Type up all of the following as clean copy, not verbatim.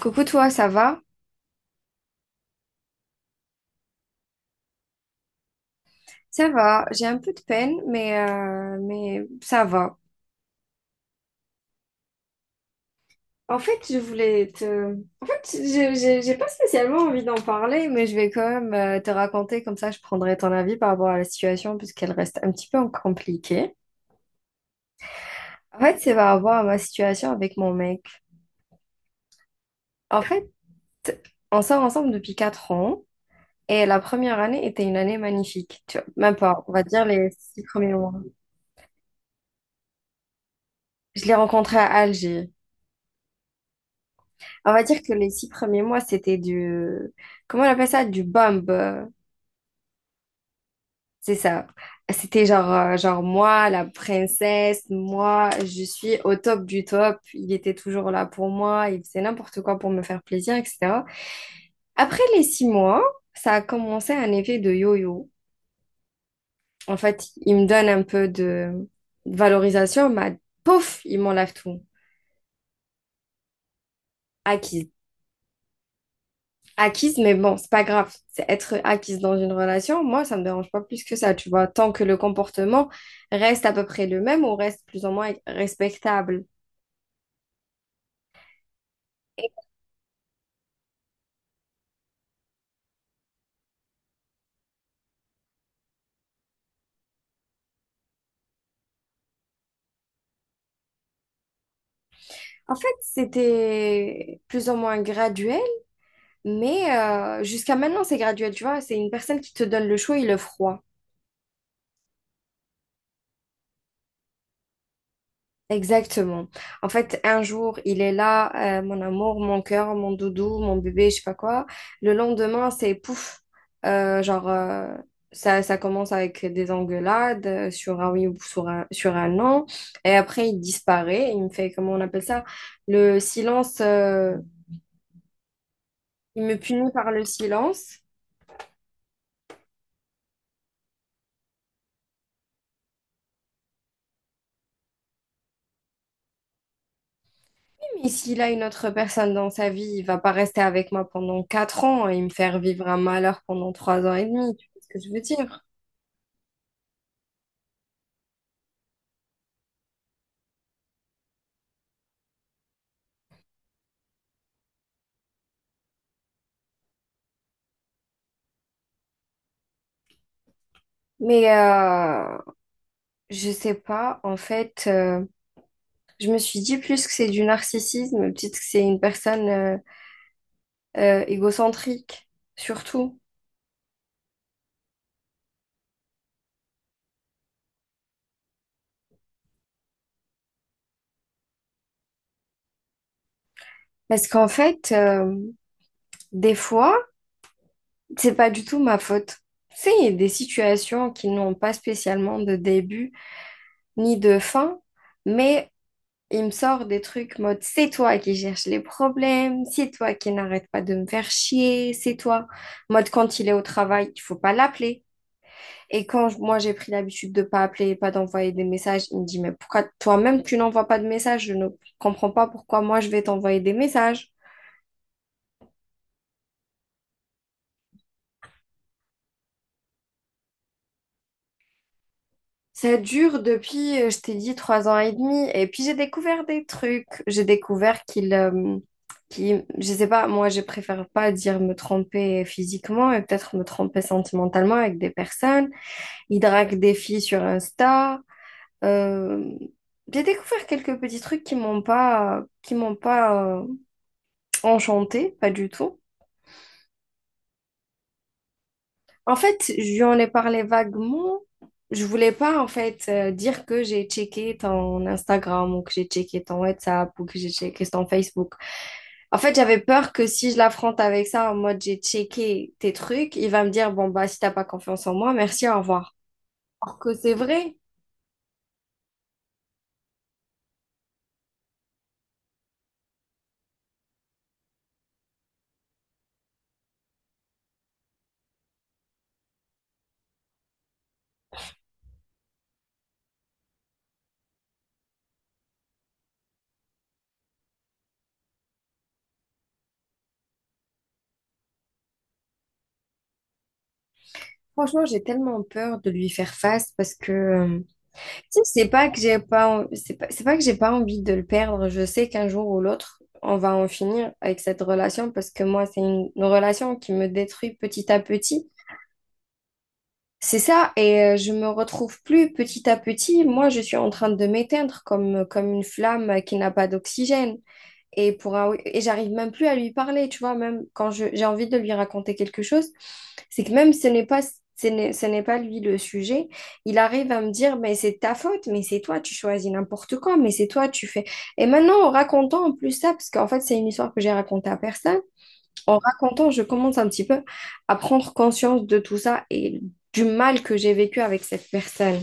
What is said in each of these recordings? Coucou toi, ça va? Ça va, j'ai un peu de peine, mais ça va. En fait, je voulais te... En fait, j'ai pas spécialement envie d'en parler, mais je vais quand même te raconter, comme ça je prendrai ton avis par rapport à la situation, puisqu'elle reste un petit peu compliquée. En fait, c'est par rapport à ma situation avec mon mec. En fait, on sort ensemble depuis 4 ans, et la première année était une année magnifique. Tu vois, même pas, on va dire les six premiers mois. Je l'ai rencontré à Alger. On va dire que les six premiers mois, c'était du... Comment on appelle ça? Du bomb. C'est ça. C'était genre moi, la princesse, moi, je suis au top du top. Il était toujours là pour moi, il faisait n'importe quoi pour me faire plaisir, etc. Après les six mois, ça a commencé un effet de yo-yo. En fait, il me donne un peu de valorisation, mais pouf, il m'enlève tout. Acquis acquise, mais bon, c'est pas grave. C'est être acquise dans une relation, moi, ça me dérange pas plus que ça, tu vois. Tant que le comportement reste à peu près le même ou reste plus ou moins respectable. Et en fait, c'était plus ou moins graduel, mais jusqu'à maintenant, c'est graduel, tu vois. C'est une personne qui te donne le chaud et le froid. Exactement. En fait, un jour, il est là, mon amour, mon cœur, mon doudou, mon bébé, je sais pas quoi. Le lendemain, c'est pouf. Euh, genre, euh, ça commence avec des engueulades sur un oui ou sur un non. Et après, il disparaît. Il me fait, comment on appelle ça? Le silence. Il me punit par le silence. Mais s'il a une autre personne dans sa vie, il va pas rester avec moi pendant quatre ans et me faire vivre un malheur pendant trois ans et demi. Tu vois ce que je veux dire? Mais euh, Je sais pas, en fait, je me suis dit plus que c'est du narcissisme, peut-être que c'est une personne égocentrique, surtout. Parce qu'en fait, des fois, c'est pas du tout ma faute. Tu sais, il y a des situations qui n'ont pas spécialement de début ni de fin, mais il me sort des trucs mode c'est toi qui cherches les problèmes, c'est toi qui n'arrête pas de me faire chier, c'est toi. Mode quand il est au travail, il faut pas l'appeler. Et moi j'ai pris l'habitude de pas appeler pas d'envoyer des messages, il me dit, mais pourquoi toi-même tu n'envoies pas de messages? Je ne comprends pas pourquoi moi je vais t'envoyer des messages. Ça dure depuis, je t'ai dit, trois ans et demi. Et puis j'ai découvert des trucs. J'ai découvert je sais pas, moi je préfère pas dire me tromper physiquement et peut-être me tromper sentimentalement avec des personnes. Il drague des filles sur Insta. Euh, j'ai découvert quelques petits trucs qui m'ont pas enchantée, pas du tout. En fait, je lui en ai parlé vaguement. Je voulais pas, en fait, dire que j'ai checké ton Instagram ou que j'ai checké ton WhatsApp ou que j'ai checké ton Facebook. En fait, j'avais peur que si je l'affronte avec ça, en mode j'ai checké tes trucs, il va me dire, bon, bah, si t'as pas confiance en moi, merci, au revoir. Or que c'est vrai. Franchement, j'ai tellement peur de lui faire face parce que, tu sais, c'est pas que j'ai pas, en- c'est pas que j'ai pas envie de le perdre. Je sais qu'un jour ou l'autre, on va en finir avec cette relation parce que moi, c'est une relation qui me détruit petit à petit. C'est ça, et je me retrouve plus petit à petit. Moi, je suis en train de m'éteindre comme, comme une flamme qui n'a pas d'oxygène. Et, et j'arrive même plus à lui parler, tu vois, même j'ai envie de lui raconter quelque chose, c'est que même ce n'est pas lui le sujet, il arrive à me dire, mais c'est ta faute, mais c'est toi, tu choisis n'importe quoi, mais c'est toi, tu fais. Et maintenant, en racontant en plus ça, parce qu'en fait, c'est une histoire que j'ai racontée à personne, en racontant, je commence un petit peu à prendre conscience de tout ça et du mal que j'ai vécu avec cette personne.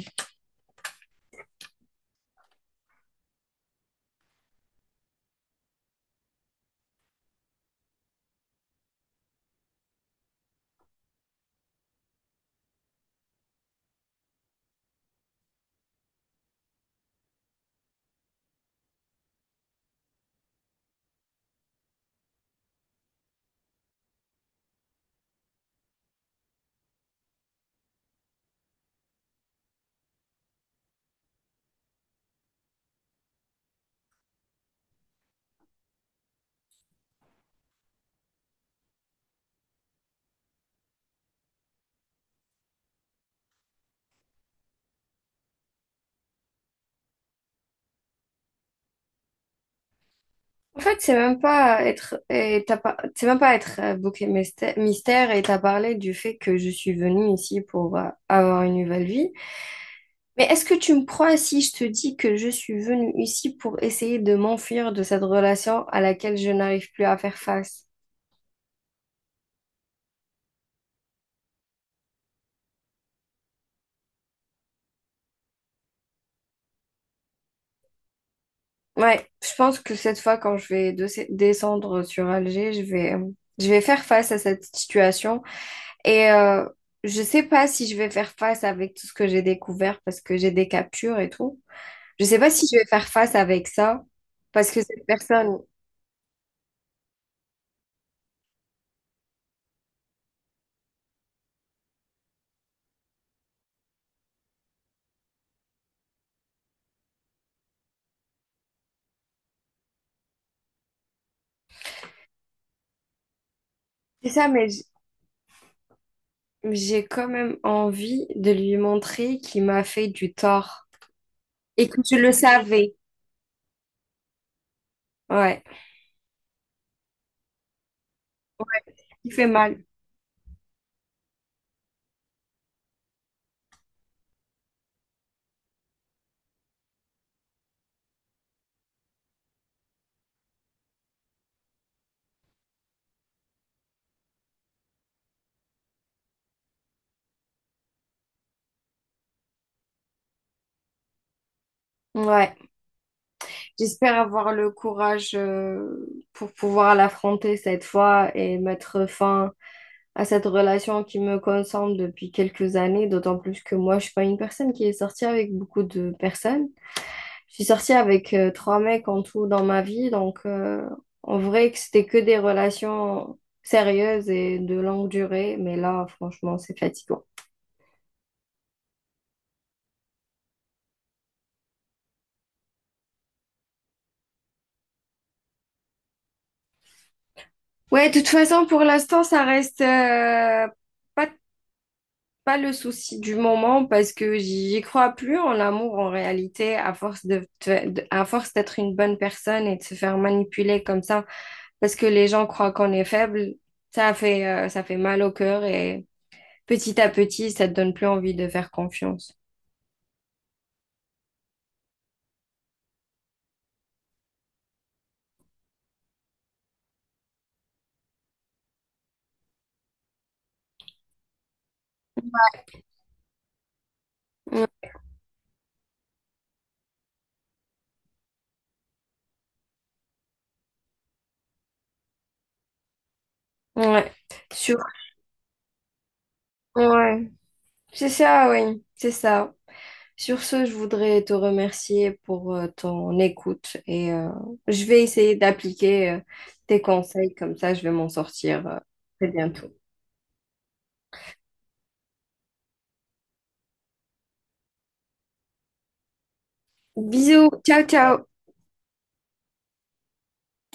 En fait, c'est même pas être, et t'as pas, c'est même pas être bouc et mystère, et t'as parlé du fait que je suis venue ici pour avoir une nouvelle vie. Mais est-ce que tu me crois si je te dis que je suis venue ici pour essayer de m'enfuir de cette relation à laquelle je n'arrive plus à faire face? Ouais, je pense que cette fois, quand je vais descendre sur Alger, je vais faire face à cette situation et je sais pas si je vais faire face avec tout ce que j'ai découvert parce que j'ai des captures et tout. Je sais pas si je vais faire face avec ça, parce que cette personne, c'est ça, mais j'ai quand même envie de lui montrer qu'il m'a fait du tort et que je le savais. Ouais, il fait mal. Ouais, j'espère avoir le courage pour pouvoir l'affronter cette fois et mettre fin à cette relation qui me consomme depuis quelques années, d'autant plus que moi, je suis pas une personne qui est sortie avec beaucoup de personnes. Je suis sortie avec trois mecs en tout dans ma vie, donc en vrai que c'était que des relations sérieuses et de longue durée, mais là, franchement, c'est fatigant. Ouais, de toute façon, pour l'instant, ça reste pas, pas le souci du moment parce que j'y crois plus en l'amour en réalité, à force de, à force d'être une bonne personne et de se faire manipuler comme ça, parce que les gens croient qu'on est faible, ça fait mal au cœur et petit à petit, ça te donne plus envie de faire confiance. Mm. Ouais. Sur... Ouais. C'est ça, oui. C'est ça. Sur ce, je voudrais te remercier pour ton écoute et je vais essayer d'appliquer tes conseils, comme ça je vais m'en sortir très bientôt. Bisous, ciao, ciao.